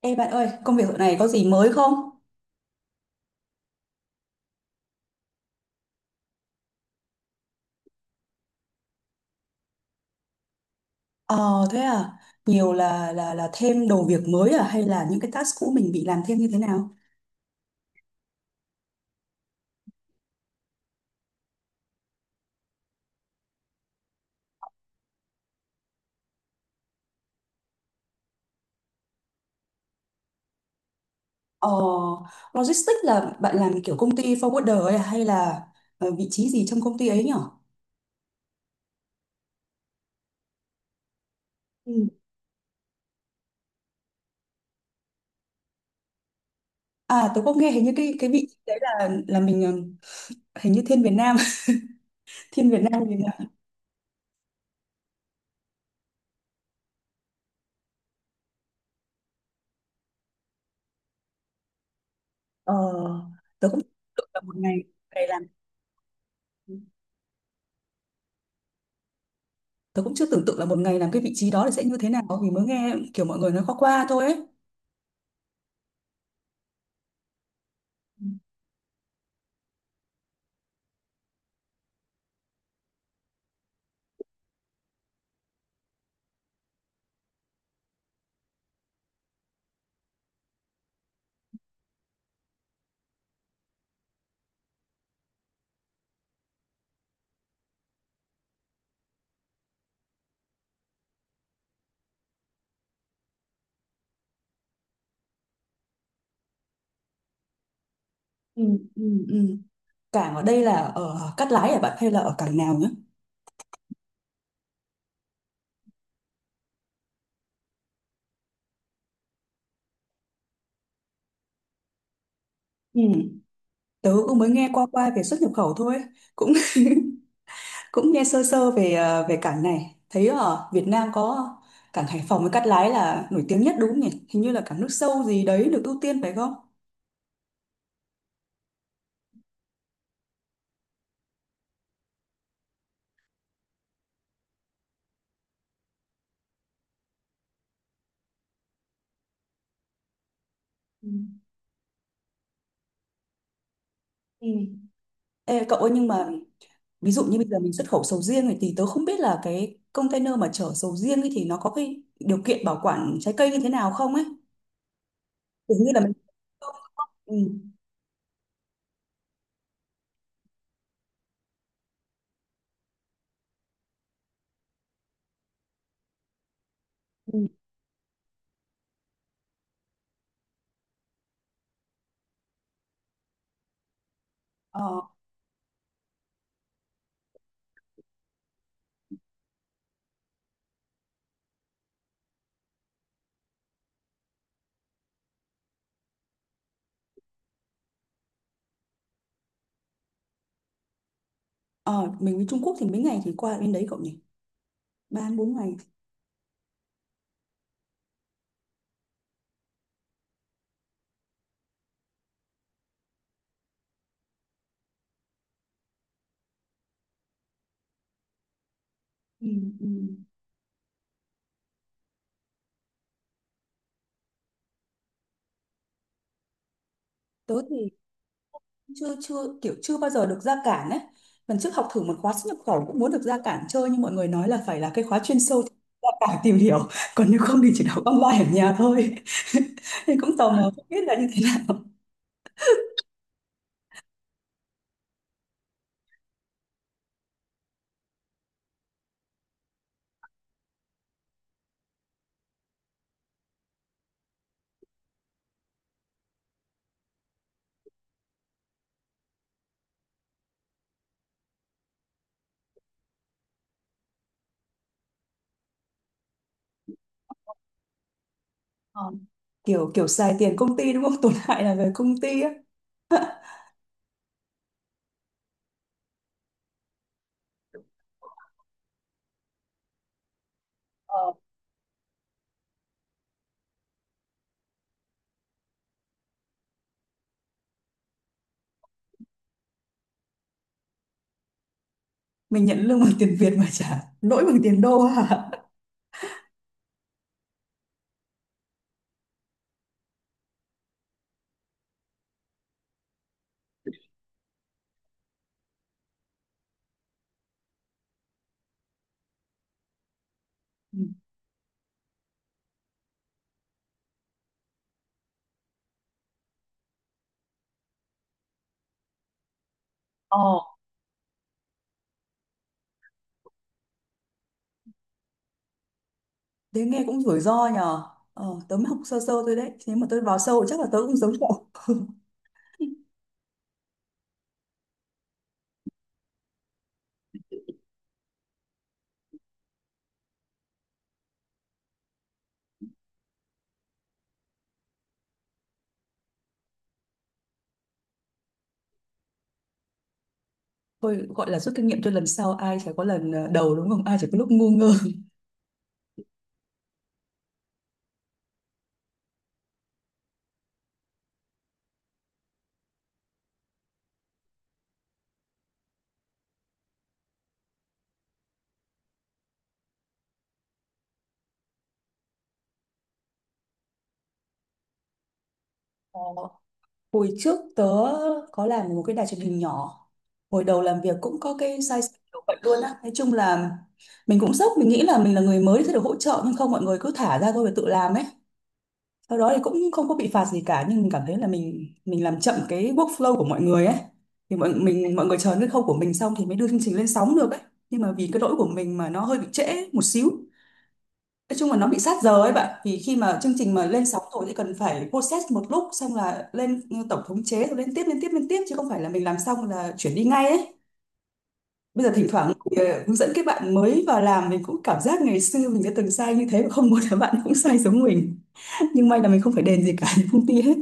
Ê bạn ơi, công việc dạo này có gì mới không? Ờ thế à, nhiều là thêm đồ việc mới à hay là những cái task cũ mình bị làm thêm như thế nào? Ờ Logistics là bạn làm kiểu công ty forwarder ấy à, hay là vị trí gì trong công ty ấy nhở? Ừ. À tôi có nghe hình như cái vị trí đấy là mình, hình như thiên Việt Nam, thiên Việt Nam mình. Ờ, tôi cũng tưởng tượng là một ngày, ngày làm tôi cũng chưa tưởng tượng là một ngày làm cái vị trí đó thì sẽ như thế nào, vì mới nghe kiểu mọi người nói qua qua thôi ấy. Ừ, ừ, ừ. Cảng ở đây là ở Cát Lái hả bạn, hay là ở cảng nào nữa? Ừ. Tớ cũng mới nghe qua qua về xuất nhập khẩu thôi. Cũng cũng nghe sơ sơ về về cảng này. Thấy ở Việt Nam có cảng Hải Phòng với Cát Lái là nổi tiếng nhất đúng không nhỉ? Hình như là cảng nước sâu gì đấy được ưu tiên phải không? Ừ. Ừ. Ê, cậu ơi, nhưng mà ví dụ như bây giờ mình xuất khẩu sầu riêng này, thì tớ không biết là cái container mà chở sầu riêng ấy thì nó có cái điều kiện bảo quản trái cây như thế nào không ấy. Kiểu như là mình, ừ. Ừ. Ờ. Ờ, mình với Trung Quốc thì mấy ngày thì qua bên đấy cậu nhỉ? Ba bốn ngày. Ừ, ừ. Tớ thì chưa chưa kiểu chưa bao giờ được ra cảng ấy. Lần trước học thử một khóa xuất nhập khẩu cũng muốn được ra cảng chơi, nhưng mọi người nói là phải là cái khóa chuyên sâu thì ra cảng tìm hiểu, còn nếu không thì chỉ đọc online ở nhà thôi. Thì cũng tò mò không biết là như thế nào. Kiểu kiểu xài tiền công ty đúng không? Tổn hại là về công ty á. Mình nhận lương bằng tiền Việt mà trả lỗi bằng tiền đô à. Ừ. Ờ, thế nghe cũng rủi ro nhờ. Tớ mới học sơ sơ thôi đấy, nếu mà tớ vào sâu chắc là tớ cũng giống cậu. Thôi gọi là rút kinh nghiệm cho lần sau, ai chả có lần đầu, đúng không, ai chả có lúc ngu ngơ. Ờ, hồi trước tớ có làm một cái đài truyền hình nhỏ, hồi đầu làm việc cũng có cái sai sót kiểu vậy luôn á. Nói chung là mình cũng sốc, mình nghĩ là mình là người mới sẽ được hỗ trợ, nhưng không, mọi người cứ thả ra thôi và tự làm ấy. Sau đó thì cũng không có bị phạt gì cả, nhưng mình cảm thấy là mình làm chậm cái workflow của mọi người ấy, thì mọi người chờ cái khâu của mình xong thì mới đưa chương trình lên sóng được ấy, nhưng mà vì cái lỗi của mình mà nó hơi bị trễ một xíu. Nói chung là nó bị sát giờ ấy bạn, vì khi mà chương trình mà lên sóng rồi thì cần phải process một lúc xong là lên tổng thống chế, rồi lên tiếp lên tiếp lên tiếp, chứ không phải là mình làm xong là chuyển đi ngay ấy. Bây giờ thỉnh thoảng thì, hướng dẫn các bạn mới vào làm, mình cũng cảm giác ngày xưa mình đã từng sai như thế và không muốn là bạn cũng sai giống mình. Nhưng may là mình không phải đền gì cả công ty hết.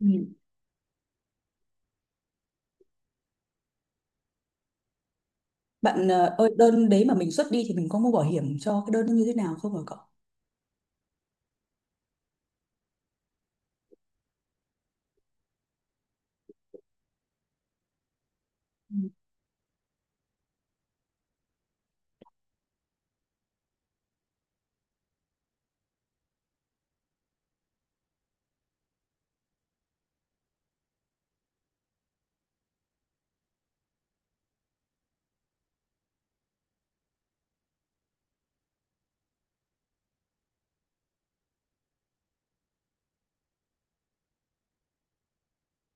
Ừ. Bạn ơi, đơn đấy mà mình xuất đi thì mình có mua bảo hiểm cho cái đơn nó như thế nào không hả cậu?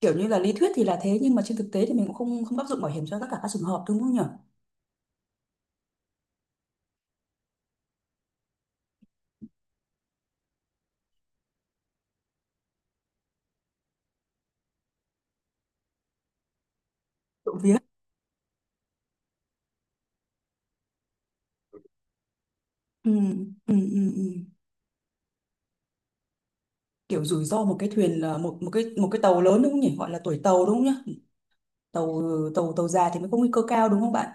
Kiểu như là lý thuyết thì là thế, nhưng mà trên thực tế thì mình cũng không không áp dụng bảo hiểm cho tất cả các trường hợp đúng không nhỉ? Trộm vía. Ừ, ừ, ừ, ừ. Kiểu rủi ro một cái thuyền là một một cái, một cái tàu lớn đúng không nhỉ? Gọi là tuổi tàu đúng không nhỉ? Tàu, tàu già thì mới có nguy cơ cao đúng không bạn?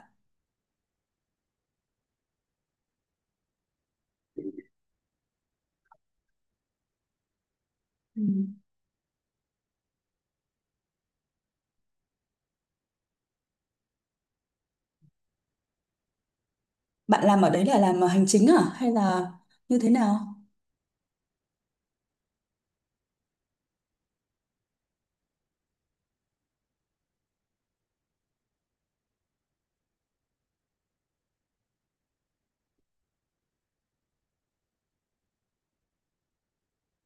Ừ. Bạn làm ở đấy là làm hành chính à, hay là như thế nào?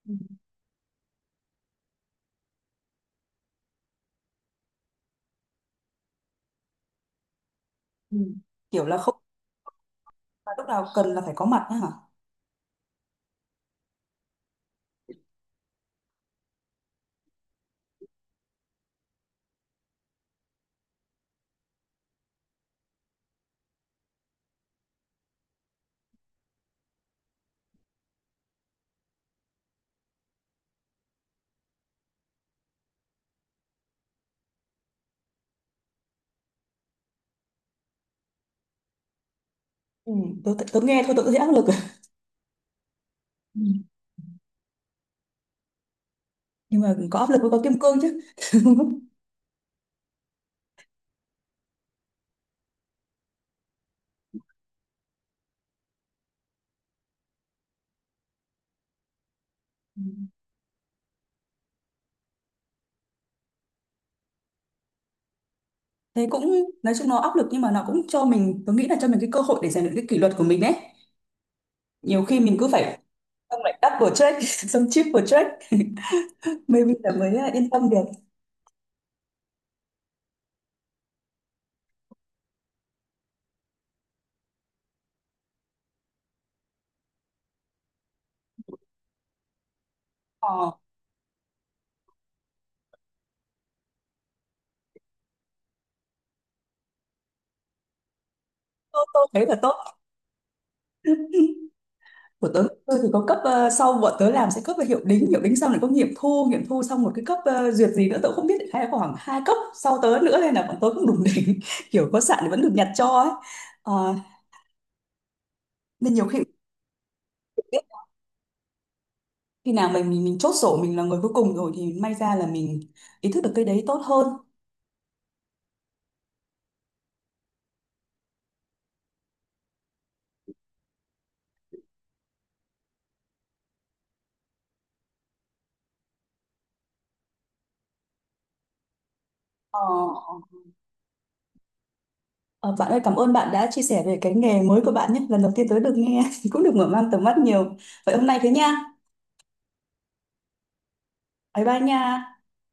Ừ. Ừ. Kiểu là không là lúc nào cần là phải có mặt á hả? Ừ, tôi nghe thôi tôi cũng thấy áp lực. Ừ. Nhưng mà có áp lực mới có kim cương chứ. Ừ. Thế cũng nói chung nó áp lực, nhưng mà nó cũng cho mình, tôi nghĩ là cho mình cái cơ hội để rèn luyện cái kỷ luật của mình đấy. Nhiều khi mình cứ phải, xong lại double check xong triple check, maybe là mới, yên tâm được. Ờ, tôi thấy là tốt. Của tớ, tôi thì có cấp, sau bọn tớ làm sẽ cấp về hiệu đính, hiệu đính xong lại có nghiệm thu, nghiệm thu xong một cái cấp, duyệt gì nữa tớ cũng không biết, hay là khoảng hai cấp sau tớ nữa, nên là bọn tớ cũng đủ đỉnh. Kiểu có sạn thì vẫn được nhặt cho ấy. Ờ, nên nhiều khi khi nào mình chốt sổ, mình là người cuối cùng rồi thì may ra là mình ý thức được cái đấy tốt hơn. Ờ, ờ, bạn ơi, cảm ơn bạn đã chia sẻ về cái nghề mới của bạn nhé, lần đầu tiên tới được nghe cũng được mở mang tầm mắt nhiều. Vậy hôm nay thế nha, bye bye nha.